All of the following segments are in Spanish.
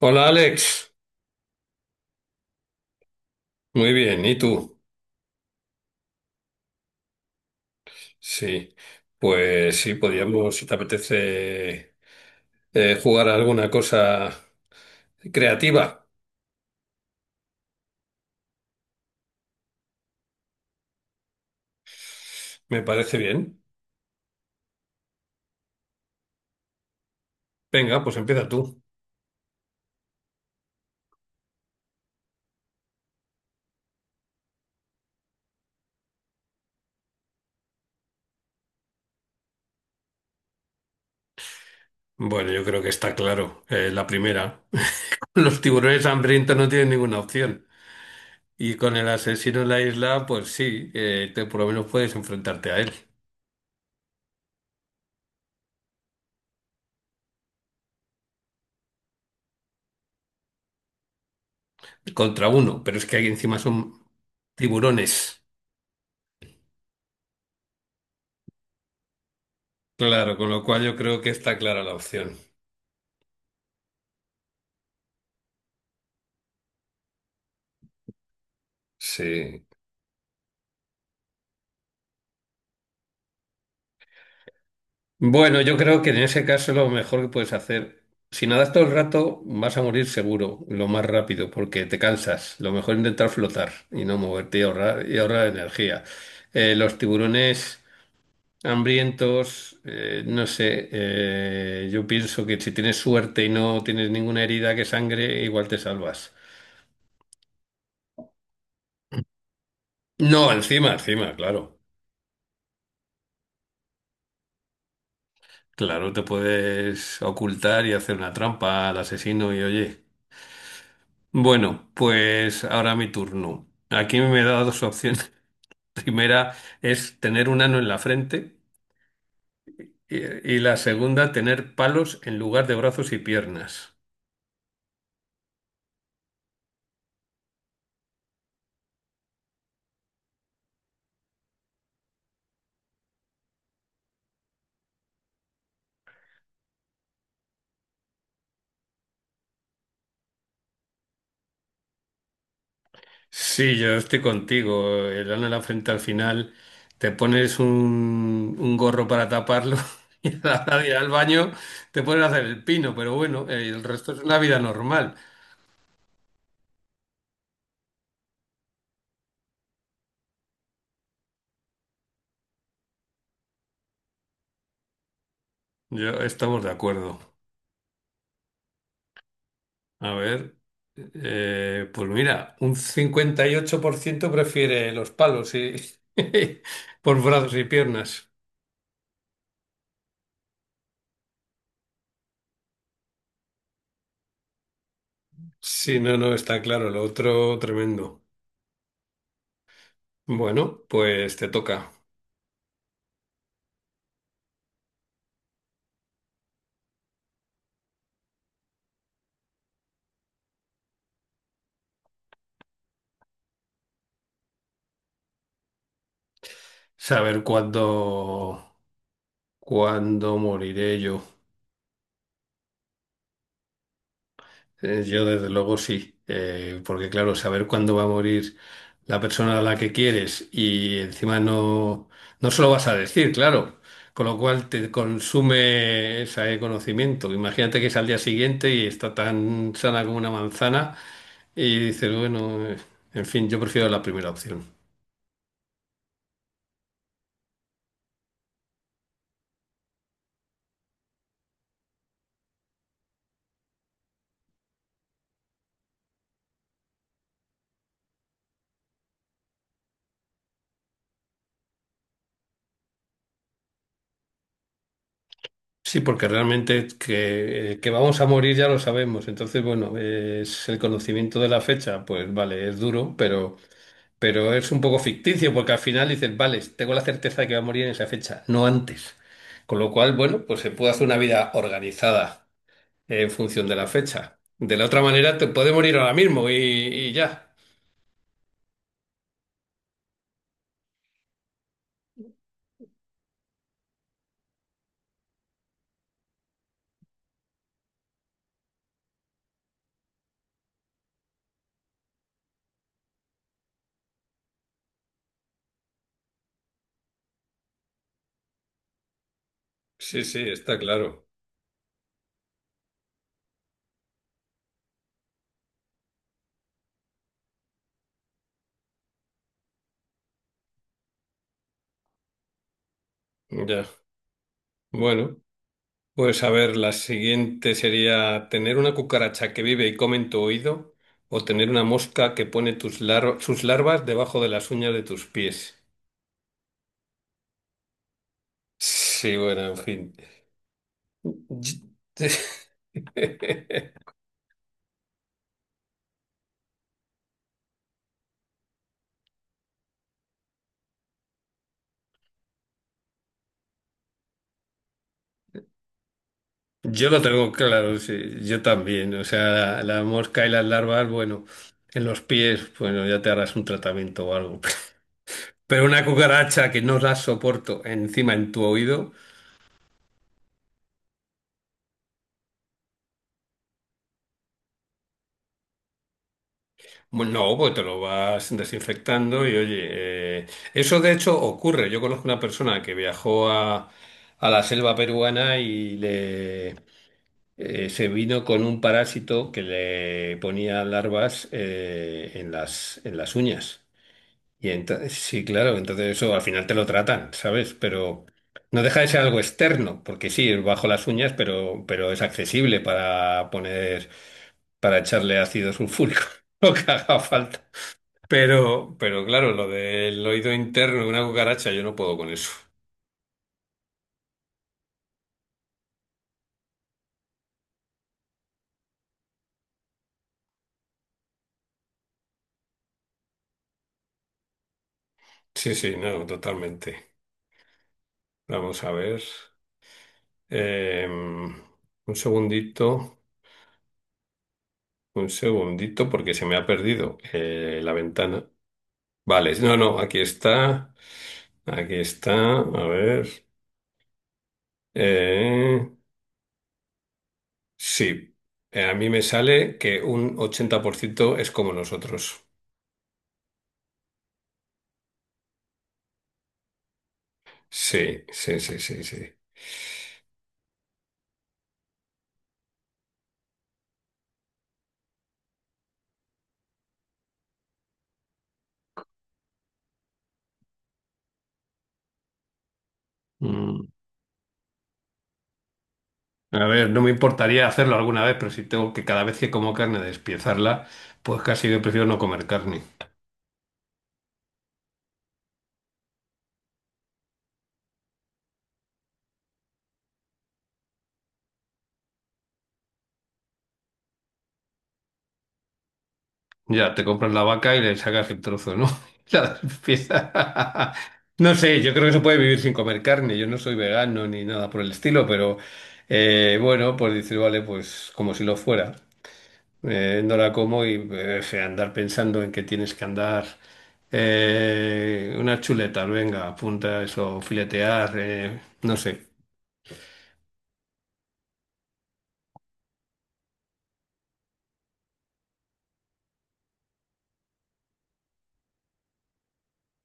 Hola Alex, muy bien, ¿y tú? Sí, pues sí, podríamos, si te apetece, jugar a alguna cosa creativa, me parece bien. Venga, pues empieza tú. Bueno, yo creo que está claro, la primera. Los tiburones hambrientos no tienen ninguna opción. Y con el asesino en la isla, pues sí, por lo menos puedes enfrentarte a él, contra uno, pero es que aquí encima son tiburones. Claro, con lo cual yo creo que está clara la opción. Sí. Bueno, yo creo que en ese caso lo mejor que puedes hacer, si nadas todo el rato, vas a morir seguro, lo más rápido, porque te cansas. Lo mejor es intentar flotar y no moverte y ahorrar energía. Los tiburones hambrientos, no sé, yo pienso que si tienes suerte y no tienes ninguna herida que sangre, igual te salvas. No, encima, encima, claro. Claro, te puedes ocultar y hacer una trampa al asesino y oye. Bueno, pues ahora mi turno. Aquí me he dado dos opciones. La primera es tener un ano en la frente y, y la segunda tener palos en lugar de brazos y piernas. Sí, yo estoy contigo. El ano en la frente al final te pones un gorro para taparlo y a la hora de ir al baño te puedes hacer el pino, pero bueno, el resto es una vida normal. Yo estamos de acuerdo. A ver, pues mira, un 58% prefiere los palos y por brazos y piernas. Sí, no, no, está claro, lo otro tremendo. Bueno, pues te toca saber cuándo moriré yo. Yo desde luego sí, porque claro, saber cuándo va a morir la persona a la que quieres y encima no se lo vas a decir, claro, con lo cual te consume ese conocimiento. Imagínate que es al día siguiente y está tan sana como una manzana y dices, bueno, en fin, yo prefiero la primera opción. Sí, porque realmente que vamos a morir ya lo sabemos, entonces bueno, es el conocimiento de la fecha, pues vale, es duro, pero. Pero es un poco ficticio porque al final dices, vale, tengo la certeza de que va a morir en esa fecha, no antes. Con lo cual, bueno, pues se puede hacer una vida organizada en función de la fecha. De la otra manera, te puede morir ahora mismo y ya. Sí, sí, está claro. Ya. Bueno, pues a ver, la siguiente sería tener una cucaracha que vive y come en tu oído o tener una mosca que pone sus larvas debajo de las uñas de tus pies. Sí, bueno, en fin. Yo yo lo tengo claro, sí, yo también. O sea, la mosca y las larvas, bueno, en los pies, bueno, ya te harás un tratamiento o algo. Pero una cucaracha que no la soporto encima en tu oído, bueno, no, pues te lo vas desinfectando y oye, eh, eso de hecho ocurre. Yo conozco una persona que viajó a la selva peruana y le se vino con un parásito que le ponía larvas en las uñas. Y entonces, sí, claro, entonces eso al final te lo tratan, ¿sabes? Pero no deja de ser algo externo, porque sí, es bajo las uñas, pero es accesible para echarle ácido sulfúrico, lo que haga falta. Pero claro, lo del oído interno de una cucaracha, yo no puedo con eso. Sí, sí, no, totalmente. Vamos a ver. Un segundito, un segundito, porque se me ha perdido la ventana. Vale, no, no, aquí está, a ver. Eh, sí, a mí me sale que un 80% es como nosotros. Sí, sí, sí, sí, sí. Mm. A ver, no me importaría hacerlo alguna vez, pero si tengo que cada vez que como carne despiezarla, pues casi que prefiero no comer carne. Ya, te compras la vaca y le sacas el trozo, ¿no? La pieza. No sé, yo creo que se puede vivir sin comer carne. Yo no soy vegano ni nada por el estilo, pero bueno, pues dices, vale, pues como si lo fuera. No la como y andar pensando en que tienes que andar unas chuletas, venga, apunta eso, filetear, no sé.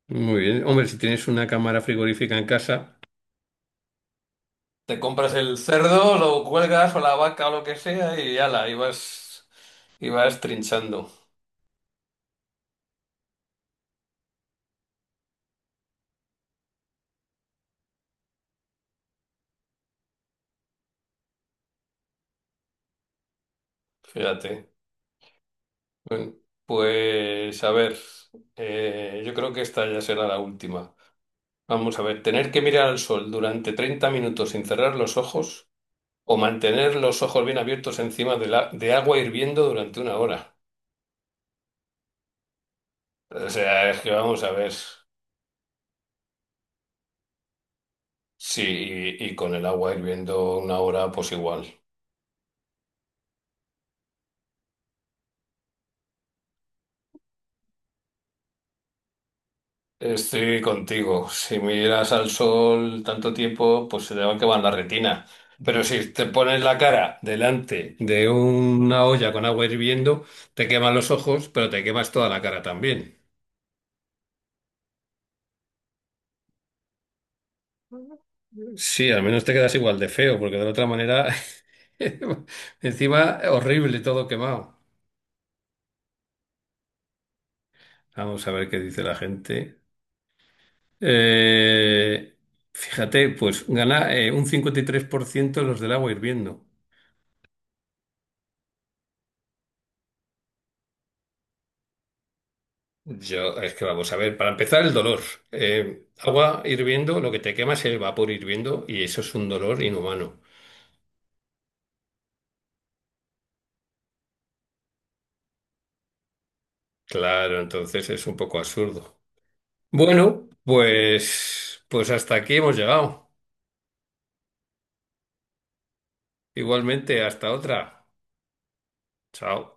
Muy bien. Hombre, si tienes una cámara frigorífica en casa. Te compras el cerdo, lo cuelgas o la vaca o lo que sea y ala, y vas, trinchando. Fíjate. Bueno, pues a ver, yo creo que esta ya será la última. Vamos a ver, tener que mirar al sol durante 30 minutos sin cerrar los ojos o mantener los ojos bien abiertos encima de agua hirviendo durante una hora. O sea, es que vamos a ver. Sí, y con el agua hirviendo una hora, pues igual. Estoy contigo. Si miras al sol tanto tiempo, pues se te va a quemar la retina. Pero si te pones la cara delante de una olla con agua hirviendo, te queman los ojos, pero te quemas toda la cara también. Sí, al menos te quedas igual de feo, porque de la otra manera, encima, horrible, todo quemado. Vamos a ver qué dice la gente. Eh, fíjate, pues gana un 53% los del agua hirviendo. Yo, es que vamos a ver, para empezar el dolor. Agua hirviendo, lo que te quema es el vapor hirviendo y eso es un dolor inhumano. Claro, entonces es un poco absurdo. Bueno, pues hasta aquí hemos llegado. Igualmente, hasta otra. Chao.